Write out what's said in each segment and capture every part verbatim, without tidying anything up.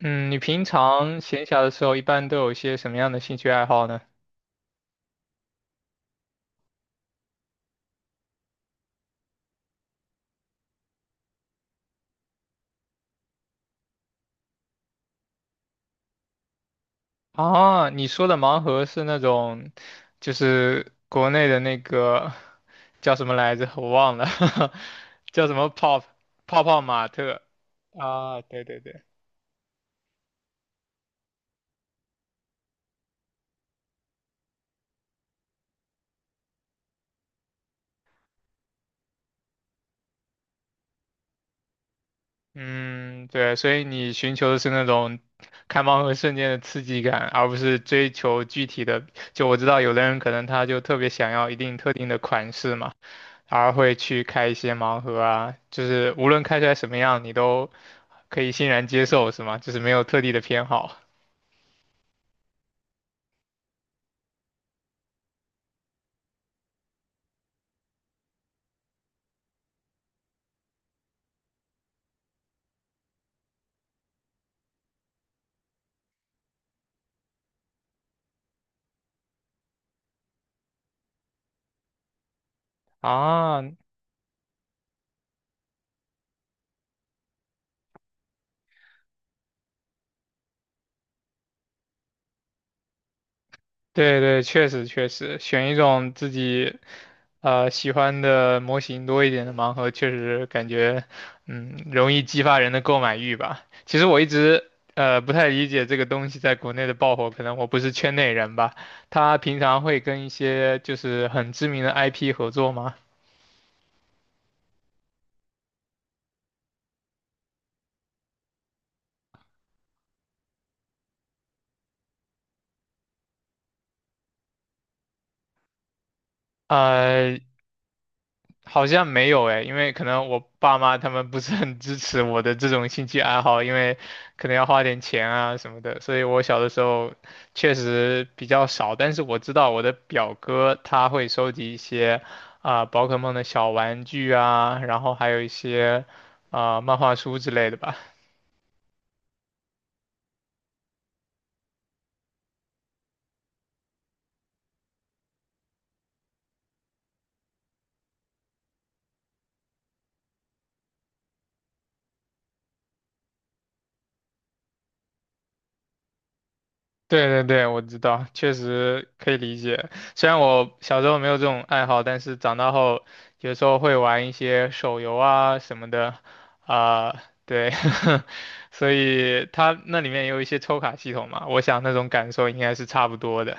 嗯，你平常闲暇的时候一般都有一些什么样的兴趣爱好呢？啊，你说的盲盒是那种，就是国内的那个叫什么来着？我忘了，叫什么泡泡泡玛特啊？对对对，嗯，对，所以你寻求的是那种开盲盒瞬间的刺激感，而不是追求具体的。就我知道有的人可能他就特别想要一定特定的款式嘛。而会去开一些盲盒啊，就是无论开出来什么样，你都可以欣然接受，是吗？就是没有特地的偏好啊。对对，确实确实，选一种自己呃喜欢的模型多一点的盲盒，确实感觉嗯容易激发人的购买欲吧。其实我一直呃不太理解这个东西在国内的爆火，可能我不是圈内人吧。他平常会跟一些就是很知名的 I P 合作吗？呃，好像没有诶，因为可能我爸妈他们不是很支持我的这种兴趣爱好，因为可能要花点钱啊什么的，所以我小的时候确实比较少。但是我知道我的表哥他会收集一些啊、宝可梦的小玩具啊，然后还有一些啊、漫画书之类的吧。对对对，我知道，确实可以理解。虽然我小时候没有这种爱好，但是长大后有时候会玩一些手游啊什么的，啊、对，所以它那里面也有一些抽卡系统嘛，我想那种感受应该是差不多的。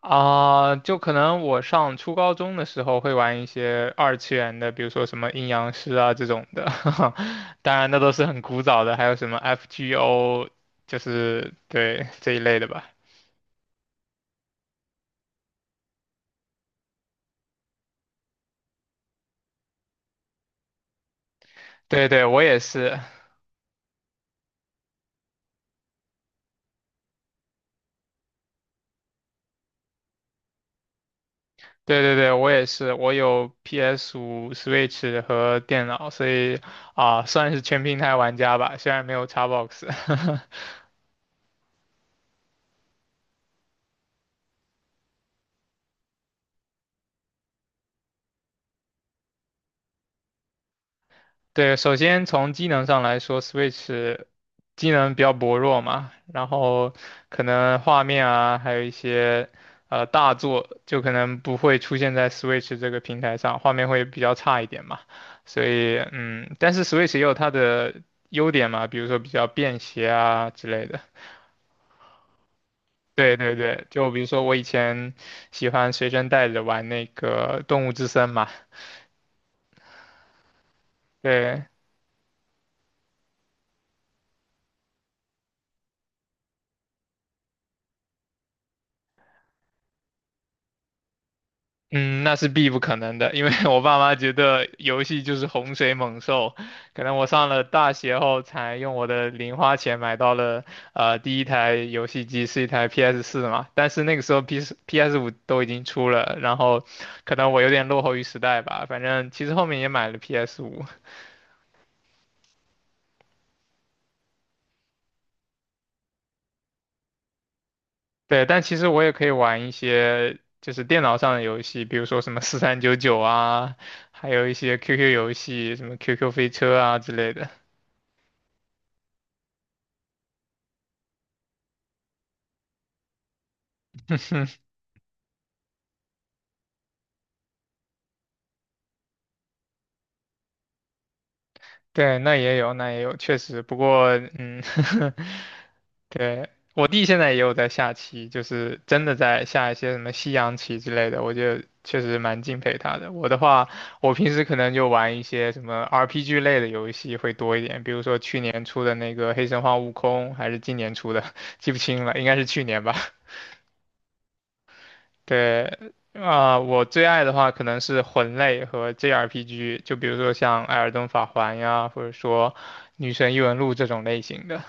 啊、就可能我上初高中的时候会玩一些二次元的，比如说什么阴阳师啊这种的，当然那都是很古早的，还有什么 F G O，就是对这一类的吧。对对，我也是，对对对，我也是，我有 p s 五、Switch 和电脑，所以啊、算是全平台玩家吧，虽然没有 Xbox。对，首先从机能上来说，Switch 机能比较薄弱嘛，然后可能画面啊，还有一些呃大作，就可能不会出现在 Switch 这个平台上，画面会比较差一点嘛。所以嗯，但是 Switch 也有它的优点嘛，比如说比较便携啊之类的。对对对，就比如说我以前喜欢随身带着玩那个《动物之森》嘛，对，嗯，那是必不可能的，因为 我爸妈觉得游戏就是洪水猛兽，可能我上了大学后才用我的零花钱买到了呃第一台游戏机是一台 P S 四 嘛，但是那个时候 P s P S 五 都已经出了，然后可能我有点落后于时代吧，反正其实后面也买了 P S 五，对，但其实我也可以玩一些就是电脑上的游戏，比如说什么四三九九啊，还有一些 Q Q 游戏，什么 Q Q 飞车啊之类的。对，那也有，那也有，确实。不过，嗯，对，我弟现在也有在下棋，就是真的在下一些什么西洋棋之类的，我觉得确实蛮敬佩他的。我的话，我平时可能就玩一些什么 R P G 类的游戏会多一点，比如说去年出的那个《黑神话：悟空》，还是今年出的，记不清了，应该是去年吧。对，啊、我最爱的话可能是魂类和 J R P G，就比如说像《艾尔登法环》呀，或者说《女神异闻录》这种类型的。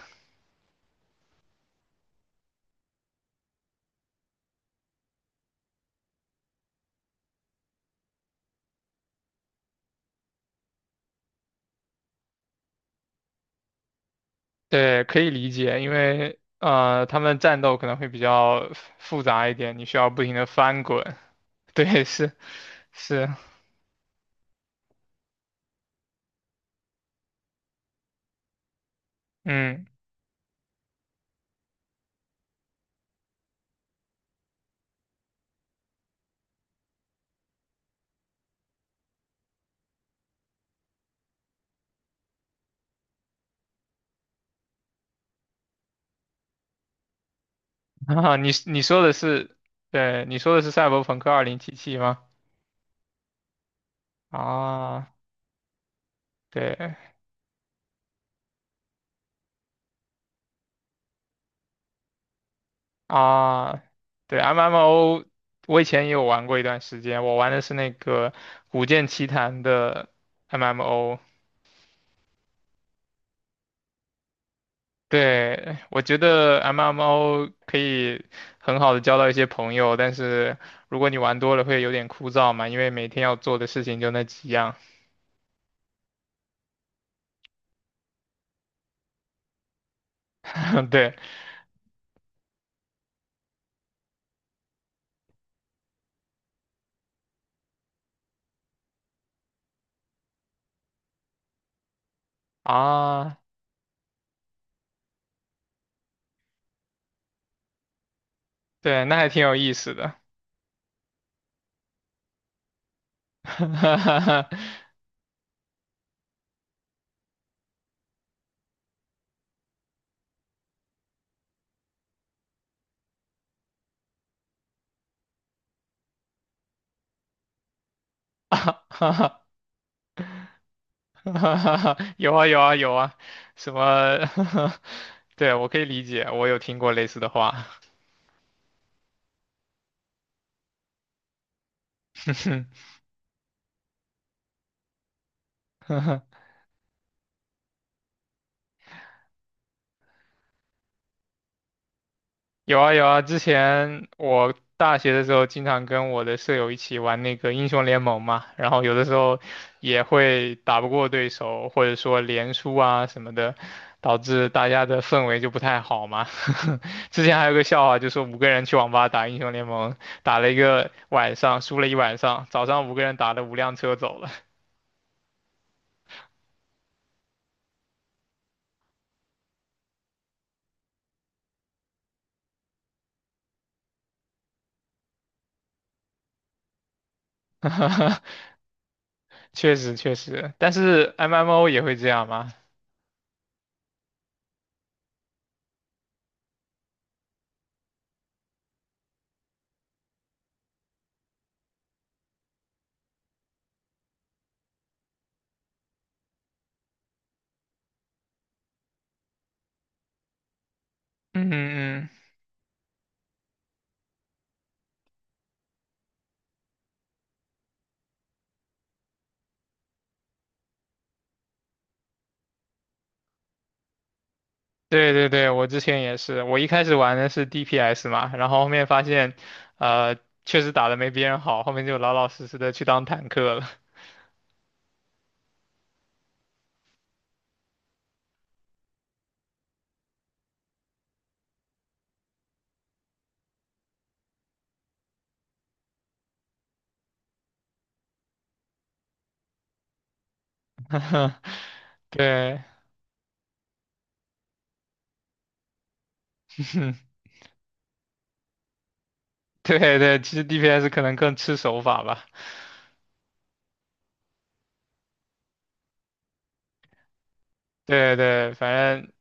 对，可以理解，因为呃，他们战斗可能会比较复杂一点，你需要不停的翻滚。对，是是，嗯，啊，你你说的是，对，你说的是《赛博朋克二零七七》吗？啊，对，啊，对，M M O，我以前也有玩过一段时间，我玩的是那个《古剑奇谭》的 M M O。对，我觉得 M M O 可以很好的交到一些朋友，但是如果你玩多了会有点枯燥嘛，因为每天要做的事情就那几样。对啊，对，那还挺有意思的。哈哈哈 哈哈哈 有啊有啊有啊，什么？对，我可以理解，我有听过类似的话。有啊有啊，之前我大学的时候经常跟我的舍友一起玩那个英雄联盟嘛，然后有的时候也会打不过对手，或者说连输啊什么的，导致大家的氛围就不太好嘛。之前还有个笑话，就说五个人去网吧打英雄联盟，打了一个晚上，输了一晚上，早上五个人打了五辆车走了。确实确实，但是 M M O 也会这样吗？嗯嗯嗯，对对对，我之前也是，我一开始玩的是 D P S 嘛，然后后面发现，呃，确实打的没别人好，后面就老老实实的去当坦克了。对，对对，其实 D P S 可能更吃手法吧。对对，反正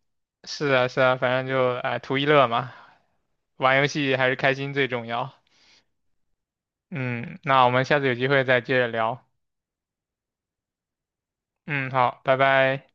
是啊是啊，反正就哎图一乐嘛，玩游戏还是开心最重要。嗯，那我们下次有机会再接着聊。嗯，好，拜拜。